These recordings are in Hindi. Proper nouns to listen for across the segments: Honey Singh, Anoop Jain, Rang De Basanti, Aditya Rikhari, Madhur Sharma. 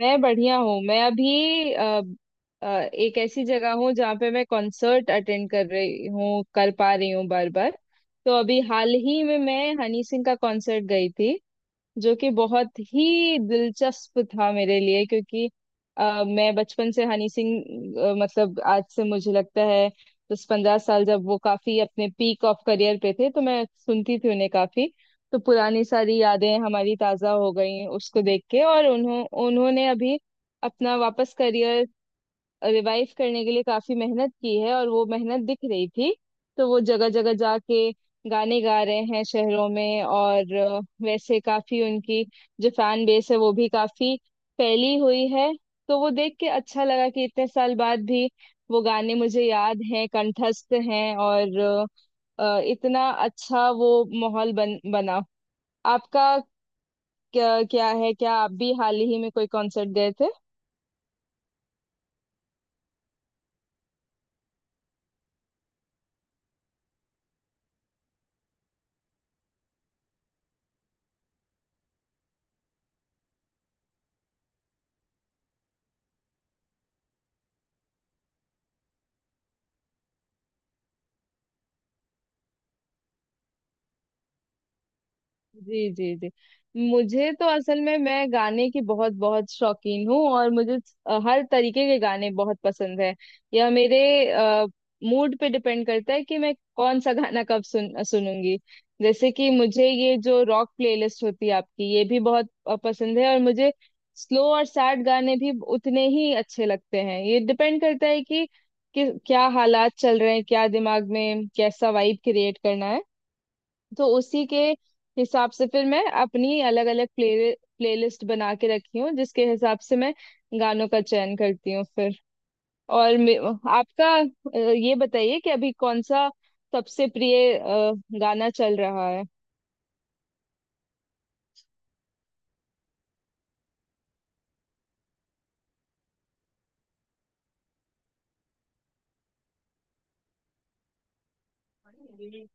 मैं बढ़िया हूँ। मैं अभी अ, एक ऐसी जगह हूँ जहाँ पे मैं कॉन्सर्ट अटेंड कर रही हूँ, कर पा रही हूँ बार बार। तो अभी हाल ही में मैं हनी सिंह का कॉन्सर्ट गई थी, जो कि बहुत ही दिलचस्प था मेरे लिए, क्योंकि मैं बचपन से हनी सिंह, मतलब आज से मुझे लगता है 10-15 साल जब वो काफी अपने पीक ऑफ करियर पे थे तो मैं सुनती थी उन्हें काफी। तो पुरानी सारी यादें हमारी ताजा हो गई उसको देख के, और उन्होंने अभी अपना वापस करियर रिवाइव करने के लिए काफी मेहनत की है और वो मेहनत दिख रही थी। तो वो जगह जगह जाके गाने गा रहे हैं शहरों में, और वैसे काफी उनकी जो फैन बेस है वो भी काफी फैली हुई है। तो वो देख के अच्छा लगा कि इतने साल बाद भी वो गाने मुझे याद हैं, कंठस्थ हैं, और इतना अच्छा वो माहौल बन बना। आपका क्या है, क्या आप भी हाल ही में कोई कॉन्सर्ट गए थे? जी जी जी। मुझे तो असल में, मैं गाने की बहुत बहुत शौकीन हूँ और मुझे हर तरीके के गाने बहुत पसंद है। यह मेरे मूड पे डिपेंड करता है कि मैं कौन सा गाना कब सुनूंगी। जैसे कि मुझे ये जो रॉक प्लेलिस्ट होती है आपकी ये भी बहुत पसंद है, और मुझे स्लो और सैड गाने भी उतने ही अच्छे लगते हैं। ये डिपेंड करता है कि क्या हालात चल रहे हैं, क्या दिमाग में कैसा वाइब क्रिएट करना है। तो उसी के हिसाब से फिर मैं अपनी अलग अलग प्लेलिस्ट बना के रखी हूँ, जिसके हिसाब से मैं गानों का चयन करती हूँ फिर। और मे- आपका, ये बताइए कि अभी कौन सा सबसे प्रिय गाना चल रहा है? जी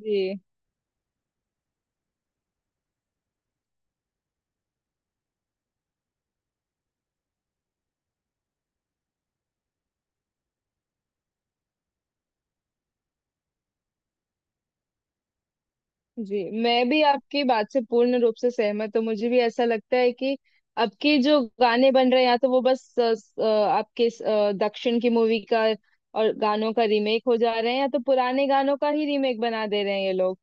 जी जी। मैं भी आपकी बात से पूर्ण रूप से सहमत हूँ। मुझे भी ऐसा लगता है कि अब के जो गाने बन रहे हैं, या तो वो बस आपके दक्षिण की मूवी का और गानों का रीमेक हो जा रहे हैं, या तो पुराने गानों का ही रीमेक बना दे रहे हैं ये लोग,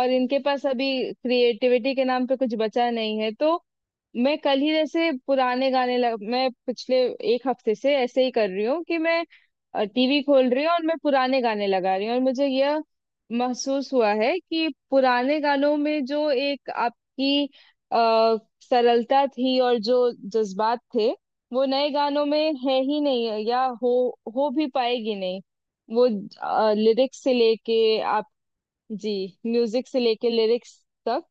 और इनके पास अभी क्रिएटिविटी के नाम पे कुछ बचा नहीं है। तो मैं कल ही जैसे पुराने गाने मैं पिछले एक हफ्ते से ऐसे ही कर रही हूँ कि मैं टीवी खोल रही हूँ और मैं पुराने गाने लगा रही हूँ, और मुझे यह महसूस हुआ है कि पुराने गानों में जो एक आपकी आ, सरलता थी और जो जज्बात थे, वो नए गानों में है ही नहीं, या हो भी पाएगी नहीं वो। लिरिक्स से लेके आप, जी, म्यूजिक से लेके लिरिक्स तक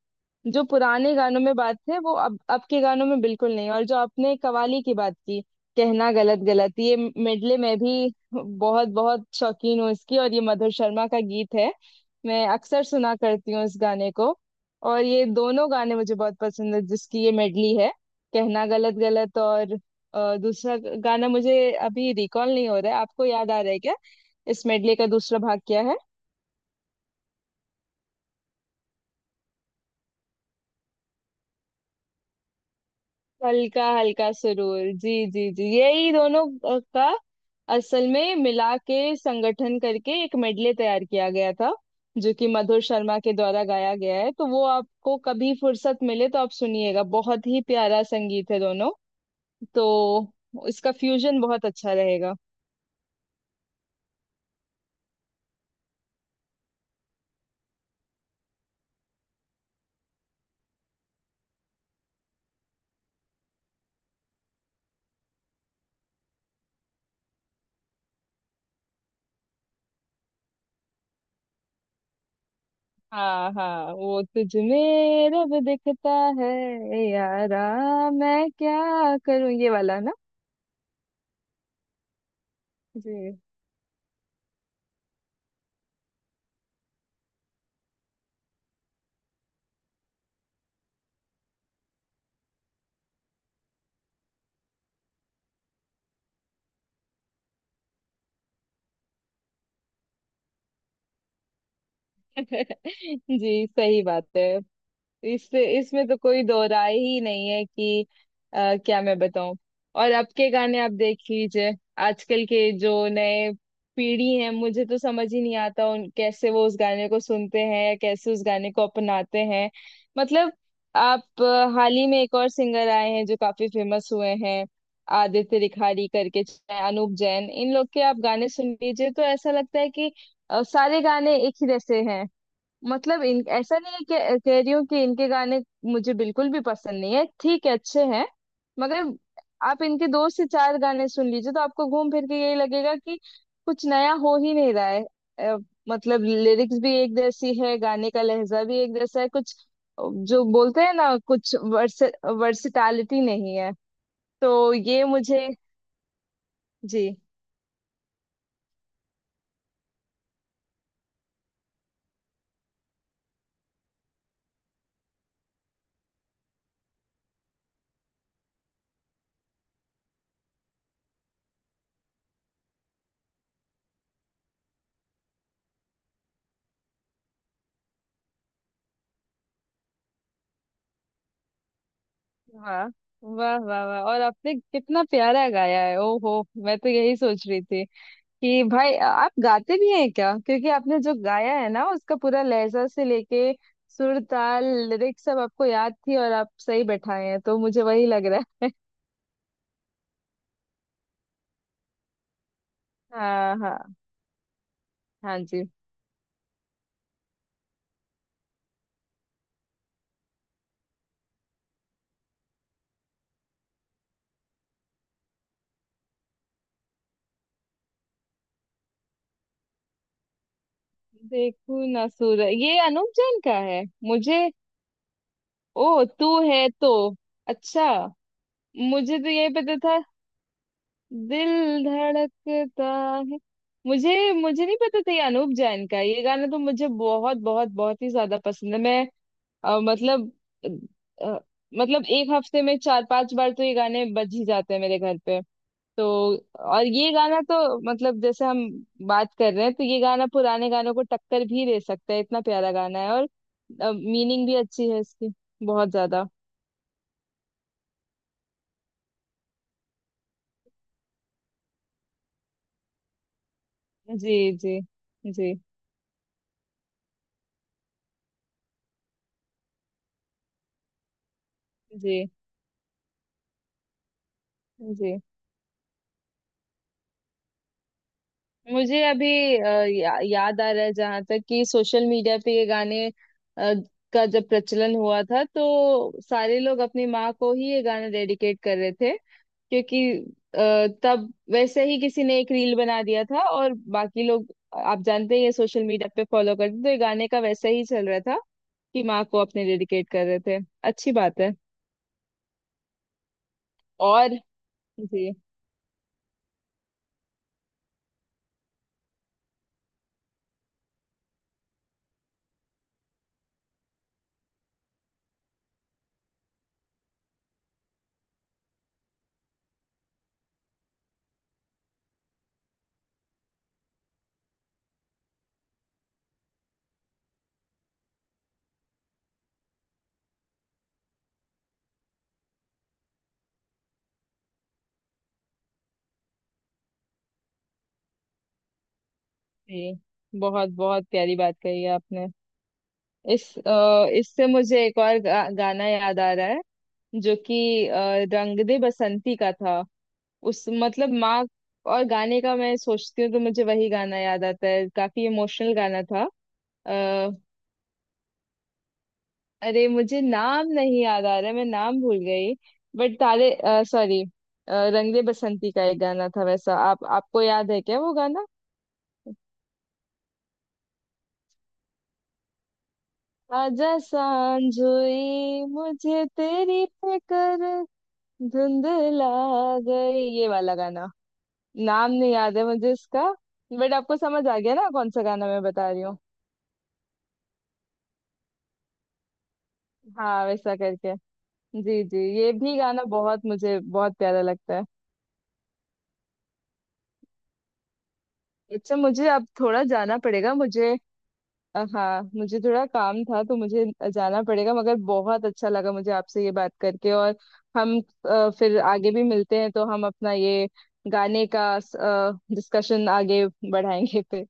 जो पुराने गानों में बात है वो अब के गानों में बिल्कुल नहीं। और जो आपने कवाली की बात की, कहना गलत गलत, ये मेडले मैं भी बहुत बहुत शौकीन हूँ इसकी, और ये मधुर शर्मा का गीत है। मैं अक्सर सुना करती हूँ इस गाने को, और ये दोनों गाने मुझे बहुत पसंद है जिसकी ये मेडली है, कहना गलत गलत, और दूसरा गाना मुझे अभी रिकॉल नहीं हो रहा है। आपको याद आ रहा है क्या इस मेडले का दूसरा भाग क्या है? हल्का हल्का सुरूर। जी जी जी। यही दोनों का असल में मिला के संगठन करके एक मेडले तैयार किया गया था, जो कि मधुर शर्मा के द्वारा गाया गया है। तो वो आपको कभी फुर्सत मिले तो आप सुनिएगा, बहुत ही प्यारा संगीत है दोनों, तो इसका फ्यूजन बहुत अच्छा रहेगा। हाँ हाँ, वो तुझ में रब दिखता है यारा, मैं क्या करूं, ये वाला ना? जी। जी, सही बात है। इससे इसमें तो कोई दो राय ही नहीं है कि क्या मैं बताऊं, और अब के गाने आप देख लीजिए। आजकल के जो नए पीढ़ी है, मुझे तो समझ ही नहीं आता उन कैसे वो उस गाने को सुनते हैं या कैसे उस गाने को अपनाते हैं। मतलब आप, हाल ही में एक और सिंगर आए हैं जो काफी फेमस हुए हैं, आदित्य रिखारी करके, चाहे अनूप जैन, इन लोग के आप गाने सुन लीजिए तो ऐसा लगता है कि सारे गाने एक ही जैसे हैं। मतलब इन ऐसा नहीं है कि कह रही हूँ कि इनके गाने मुझे बिल्कुल भी पसंद नहीं है, ठीक है, अच्छे हैं, मगर आप इनके दो से चार गाने सुन लीजिए तो आपको घूम फिर के यही लगेगा कि कुछ नया हो ही नहीं रहा है। अ, मतलब लिरिक्स भी एक जैसी है, गाने का लहजा भी एक जैसा है, कुछ जो बोलते हैं ना कुछ वर्स, वर्सिटैलिटी नहीं है। तो ये मुझे, जी, वाह वाह वाह वाह, और आपने कितना प्यारा गाया है, ओहो! मैं तो यही सोच रही थी कि भाई आप गाते भी हैं क्या, क्योंकि आपने जो गाया है ना उसका पूरा लहजा से लेके सुर ताल लिरिक्स सब आपको याद थी और आप सही बैठाए हैं, तो मुझे वही लग रहा है। हाँ हाँ हाँ। जी। देखू ना सूरज, ये अनूप जैन का है? मुझे, ओ तू है तो, अच्छा, मुझे तो यही पता था, दिल धड़कता है। मुझे, मुझे नहीं पता था ये अनूप जैन का है। ये गाना तो मुझे बहुत बहुत बहुत ही ज्यादा पसंद है। मैं, मतलब, अ, मतलब एक हफ्ते में 4-5 बार तो ये गाने बज ही जाते हैं मेरे घर पे। तो, और ये गाना तो, मतलब जैसे हम बात कर रहे हैं, तो ये गाना पुराने गानों को टक्कर भी दे सकता है, इतना प्यारा गाना है। और मीनिंग भी अच्छी है इसकी, बहुत ज्यादा। जी जी जी। जी जी। मुझे अभी याद आ रहा है जहां तक कि सोशल मीडिया पे ये गाने का जब प्रचलन हुआ था, तो सारे लोग अपनी माँ को ही ये गाना डेडिकेट कर रहे थे, क्योंकि तब वैसे ही किसी ने एक रील बना दिया था और बाकी लोग, आप जानते हैं, ये सोशल मीडिया पे फॉलो करते हैं, तो ये गाने का वैसे ही चल रहा था कि माँ को अपने डेडिकेट कर रहे थे। अच्छी बात है। और जी जी। बहुत बहुत प्यारी बात कही है आपने। इस इससे मुझे एक और गाना याद आ रहा है, जो कि रंग दे बसंती का था, उस मतलब माँ और गाने का मैं सोचती हूँ तो मुझे वही गाना याद आता है, काफी इमोशनल गाना था। आ, अरे मुझे नाम नहीं याद आ रहा है, मैं नाम भूल गई, बट तारे, सॉरी, रंग दे बसंती का एक गाना था वैसा। आप, आपको याद है क्या वो गाना? आजा सांझ हुई मुझे तेरी फिक्र, धुंधला गई, ये वाला गाना। नाम नहीं याद है मुझे इसका, बट आपको समझ आ गया ना कौन सा गाना मैं बता रही हूँ? हाँ वैसा करके। जी जी, ये भी गाना बहुत मुझे बहुत प्यारा लगता है। अच्छा, मुझे अब थोड़ा जाना पड़ेगा। मुझे हाँ मुझे थोड़ा काम था तो मुझे जाना पड़ेगा, मगर बहुत अच्छा लगा मुझे आपसे ये बात करके। और हम फिर आगे भी मिलते हैं तो हम अपना ये गाने का डिस्कशन आगे बढ़ाएंगे फिर।